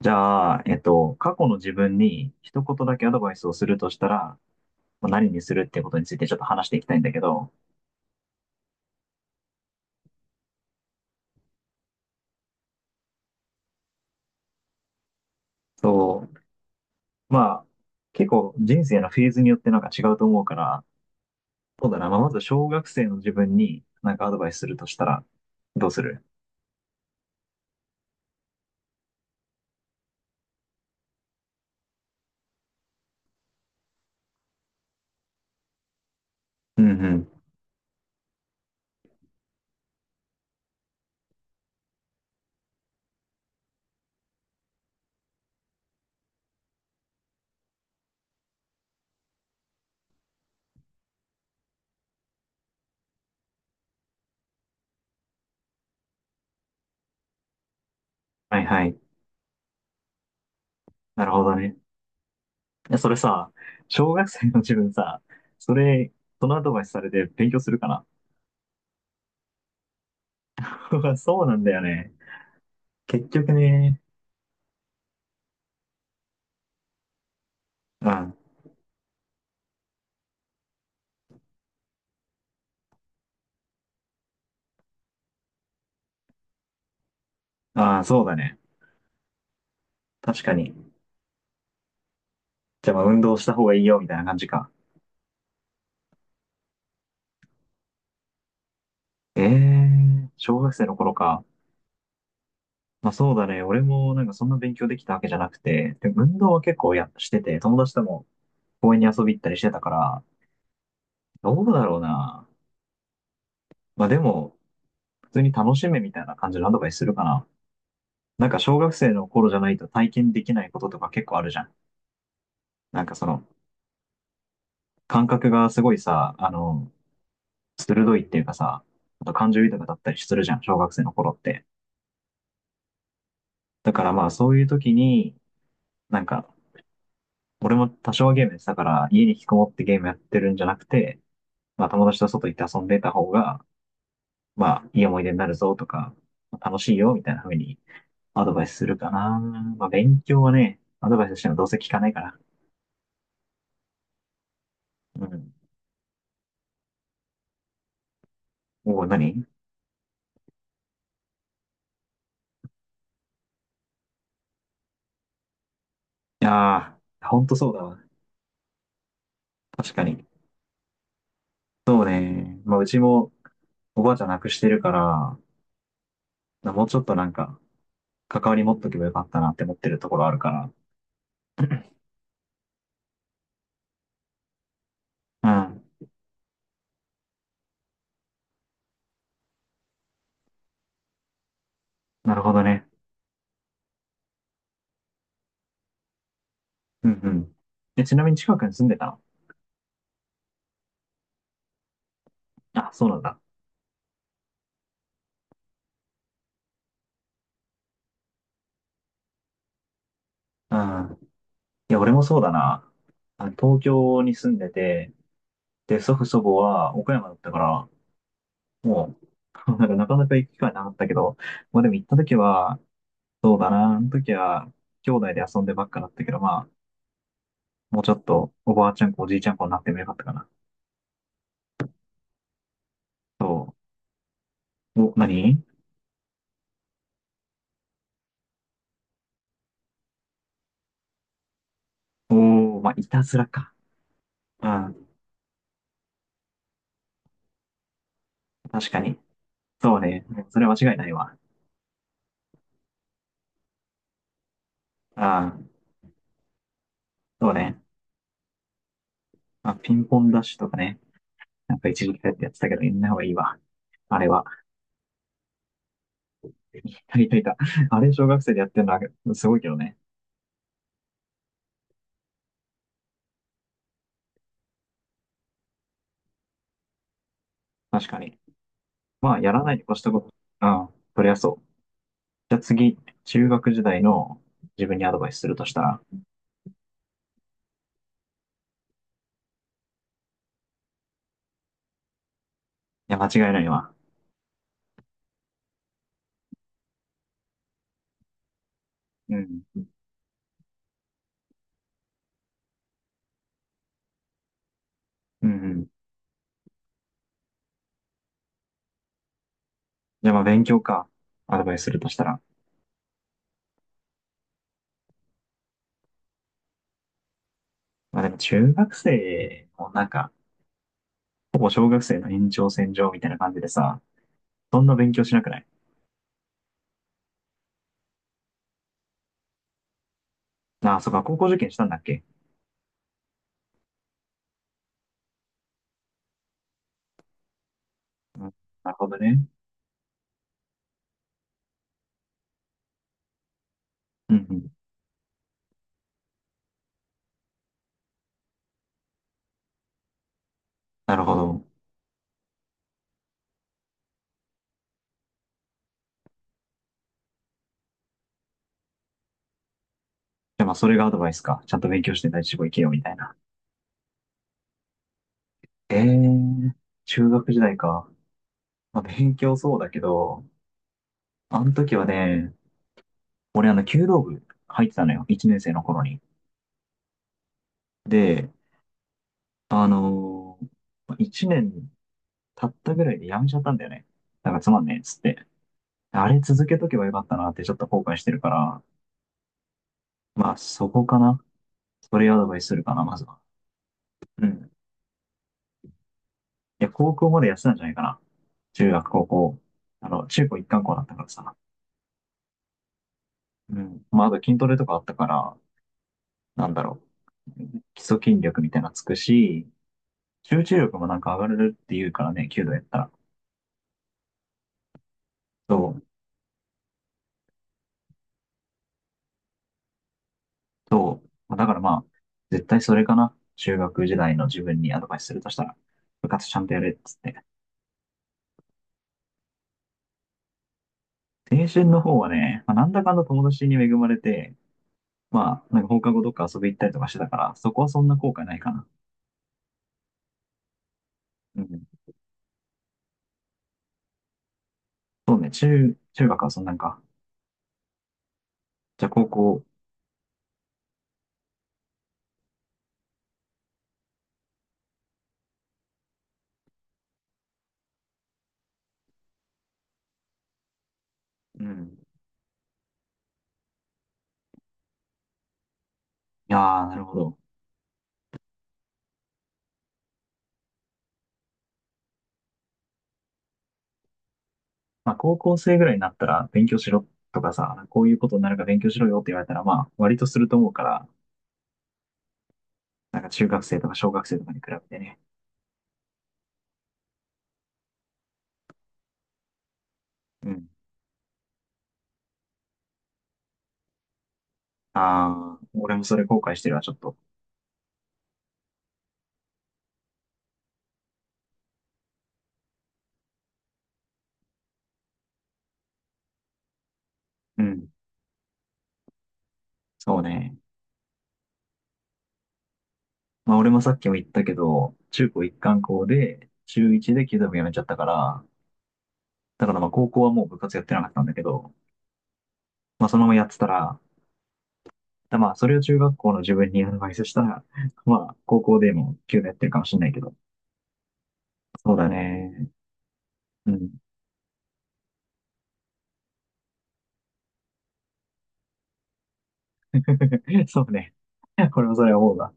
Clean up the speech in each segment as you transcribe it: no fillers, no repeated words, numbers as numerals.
じゃあ、過去の自分に一言だけアドバイスをするとしたら、まあ何にするってことについてちょっと話していきたいんだけど、そう、まあ、結構人生のフェーズによってなんか違うと思うから、そうだな、まあ、まず小学生の自分になんかアドバイスするとしたら、どうする？うんうん。はいはい。なるほどね。いやそれさ、小学生の自分さ、それ、そのアドバイスされて勉強するかな？ そうなんだよね。結局ね。うん。ああ、そうだね。確かに。じゃあまあ運動した方がいいよみたいな感じか。小学生の頃か。まあそうだね。俺もなんかそんな勉強できたわけじゃなくて、で運動は結構やしてて、友達とも公園に遊び行ったりしてたから、どうだろうな。まあでも、普通に楽しめみたいな感じのアドバイスするかな。なんか小学生の頃じゃないと体験できないこととか結構あるじゃん。なんかその感覚がすごいさ、鋭いっていうかさ、あと感情豊かだったりするじゃん、小学生の頃って。だからまあそういう時に、なんか俺も多少はゲームやってたから、家に引きこもってゲームやってるんじゃなくて、まあ友達と外行って遊んでた方が、まあいい思い出になるぞとか、楽しいよみたいな風にアドバイスするかな。まあ勉強はね、アドバイスしてもどうせ聞かないから。うん。おお、何い？やー、ほんとそうだわ。確かに。そうね。まあうちもおばあちゃん亡くしてるから、もうちょっとなんか関わり持っとけばよかったなって思ってるところあるから。うん。なるほどね。うんうん。え、ちなみに近くに住んでたの？あ、そうなんだ。うん。いや、俺もそうだな。東京に住んでて、で、祖父祖母は岡山だったから、もう、なんかなかなか行く機会なかったけど、まあでも行った時は、そうだな、あの時は、兄弟で遊んでばっかだったけど、まあ、もうちょっと、おばあちゃん子、おじいちゃん子になってもよかったかな。そう。お、何？おー、まあ、いたずらか。うん、確かに。そうね。それは間違いないわ。うん、そうね。まあ、ピンポンダッシュとかね。なんか一時期やってたけど、やんない方がいいわ。あれは。やりたいた。あれ、小学生でやってるのはすごいけどね。確かに。まあ、やらないに越したこと。うん。そりゃそう。じゃあ次、中学時代の自分にアドバイスするとしたら。いや、間違いないわ。うん。うんうん。じゃあまあ、勉強か。アドバイスするとしたら。まあでも、中学生もなんか、ほぼ小学生の延長線上みたいな感じでさ、そんな勉強しなくない？ああ、そうか、高校受験したんだっけ？うん。なるほどね。うんうん。なるほど。じゃあまあ、それがアドバイスか。ちゃんと勉強して第一志望行けよ、みたいな。ええー、中学時代か。まあ、勉強そうだけど、あの時はね、俺弓道部入ってたのよ。1年生の頃に。で、あの1年経ったぐらいでやめちゃったんだよね。なんかつまんねえっつって。あれ続けとけばよかったなってちょっと後悔してるから、まあそこかな。それアドバイスするかな、まずは。うん。いや、高校までやってたんじゃないかな。中学、高校。中高一貫校だったからさ。うん。まああと筋トレとかあったから、なんだろう。基礎筋力みたいなのつくし、集中力もなんか上がるって言うからね、弓道やったら。そう、そう。だからまあ、絶対それかな。中学時代の自分にアドバイスするとしたら、部活ちゃんとやれっつって。青春の方はね、まあ、なんだかんだ友達に恵まれて、まあ、なんか放課後どっか遊び行ったりとかしてたから、そこはそんな後悔ないかな。うん。そうね、中学はそんなんか。じゃあ高校、うん。いやー、なるほど。まあ、高校生ぐらいになったら勉強しろとかさ、こういうことになるから勉強しろよって言われたら、まあ、割とすると思うから、なんか中学生とか小学生とかに比べてね。うん。ああ、俺もそれ後悔してるわ、ちょっと。うん。そうね。まあ、俺もさっきも言ったけど、中高一貫校で、中一で弓道部やめちゃったから、だからまあ、高校はもう部活やってなかったんだけど、まあ、そのままやってたら、だまあ、それを中学校の自分にアドバイスしたら、まあ、高校でも弓道やってるかもしれないけど、そうだね。うん。 そうね。これもそれは思うわ。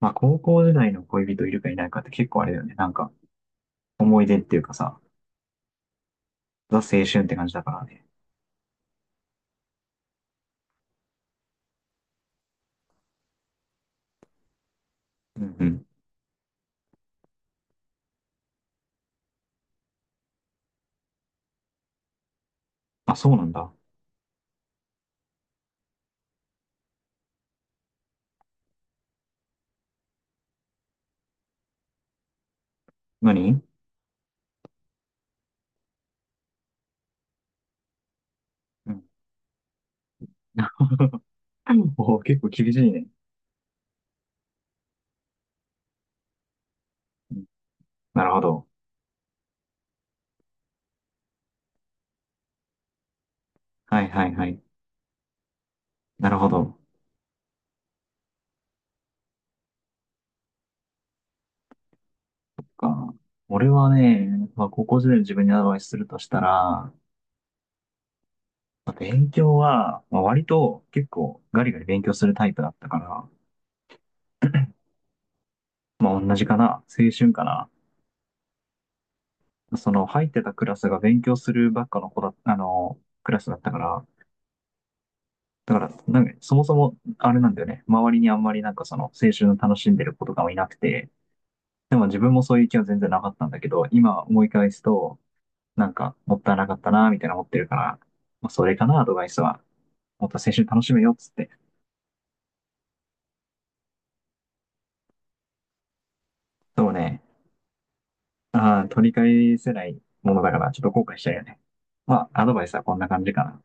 まあ、高校時代の恋人いるかいないかって結構あれだよね。なんか、思い出っていうかさ、ザ青春って感じだからね。うんうん。あ、そうなんだ。何？うん。おー結構厳しいね。うん。なるほど。はいはいはい。なるほど。か。俺はね、まあ、高校時代の自分にアドバイスするとしたら、まあ勉強は、まあ、割と結構ガリガリ勉強するタイプだったから、まあ、同じかな。青春かな。その入ってたクラスが勉強するばっかの子だ、クラスだったから、だから、なんか、そもそも、あれなんだよね。周りにあんまりなんかその、青春を楽しんでる子とかもいなくて、でも自分もそういう気は全然なかったんだけど、今思い返すと、なんか、もったいなかったな、みたいな思ってるから、まあ、それかな、アドバイスは。もっと青春楽しめよ、っつって。そうね。ああ、取り返せないものだから、ちょっと後悔しちゃうよね。まあ、アドバイスはこんな感じかな。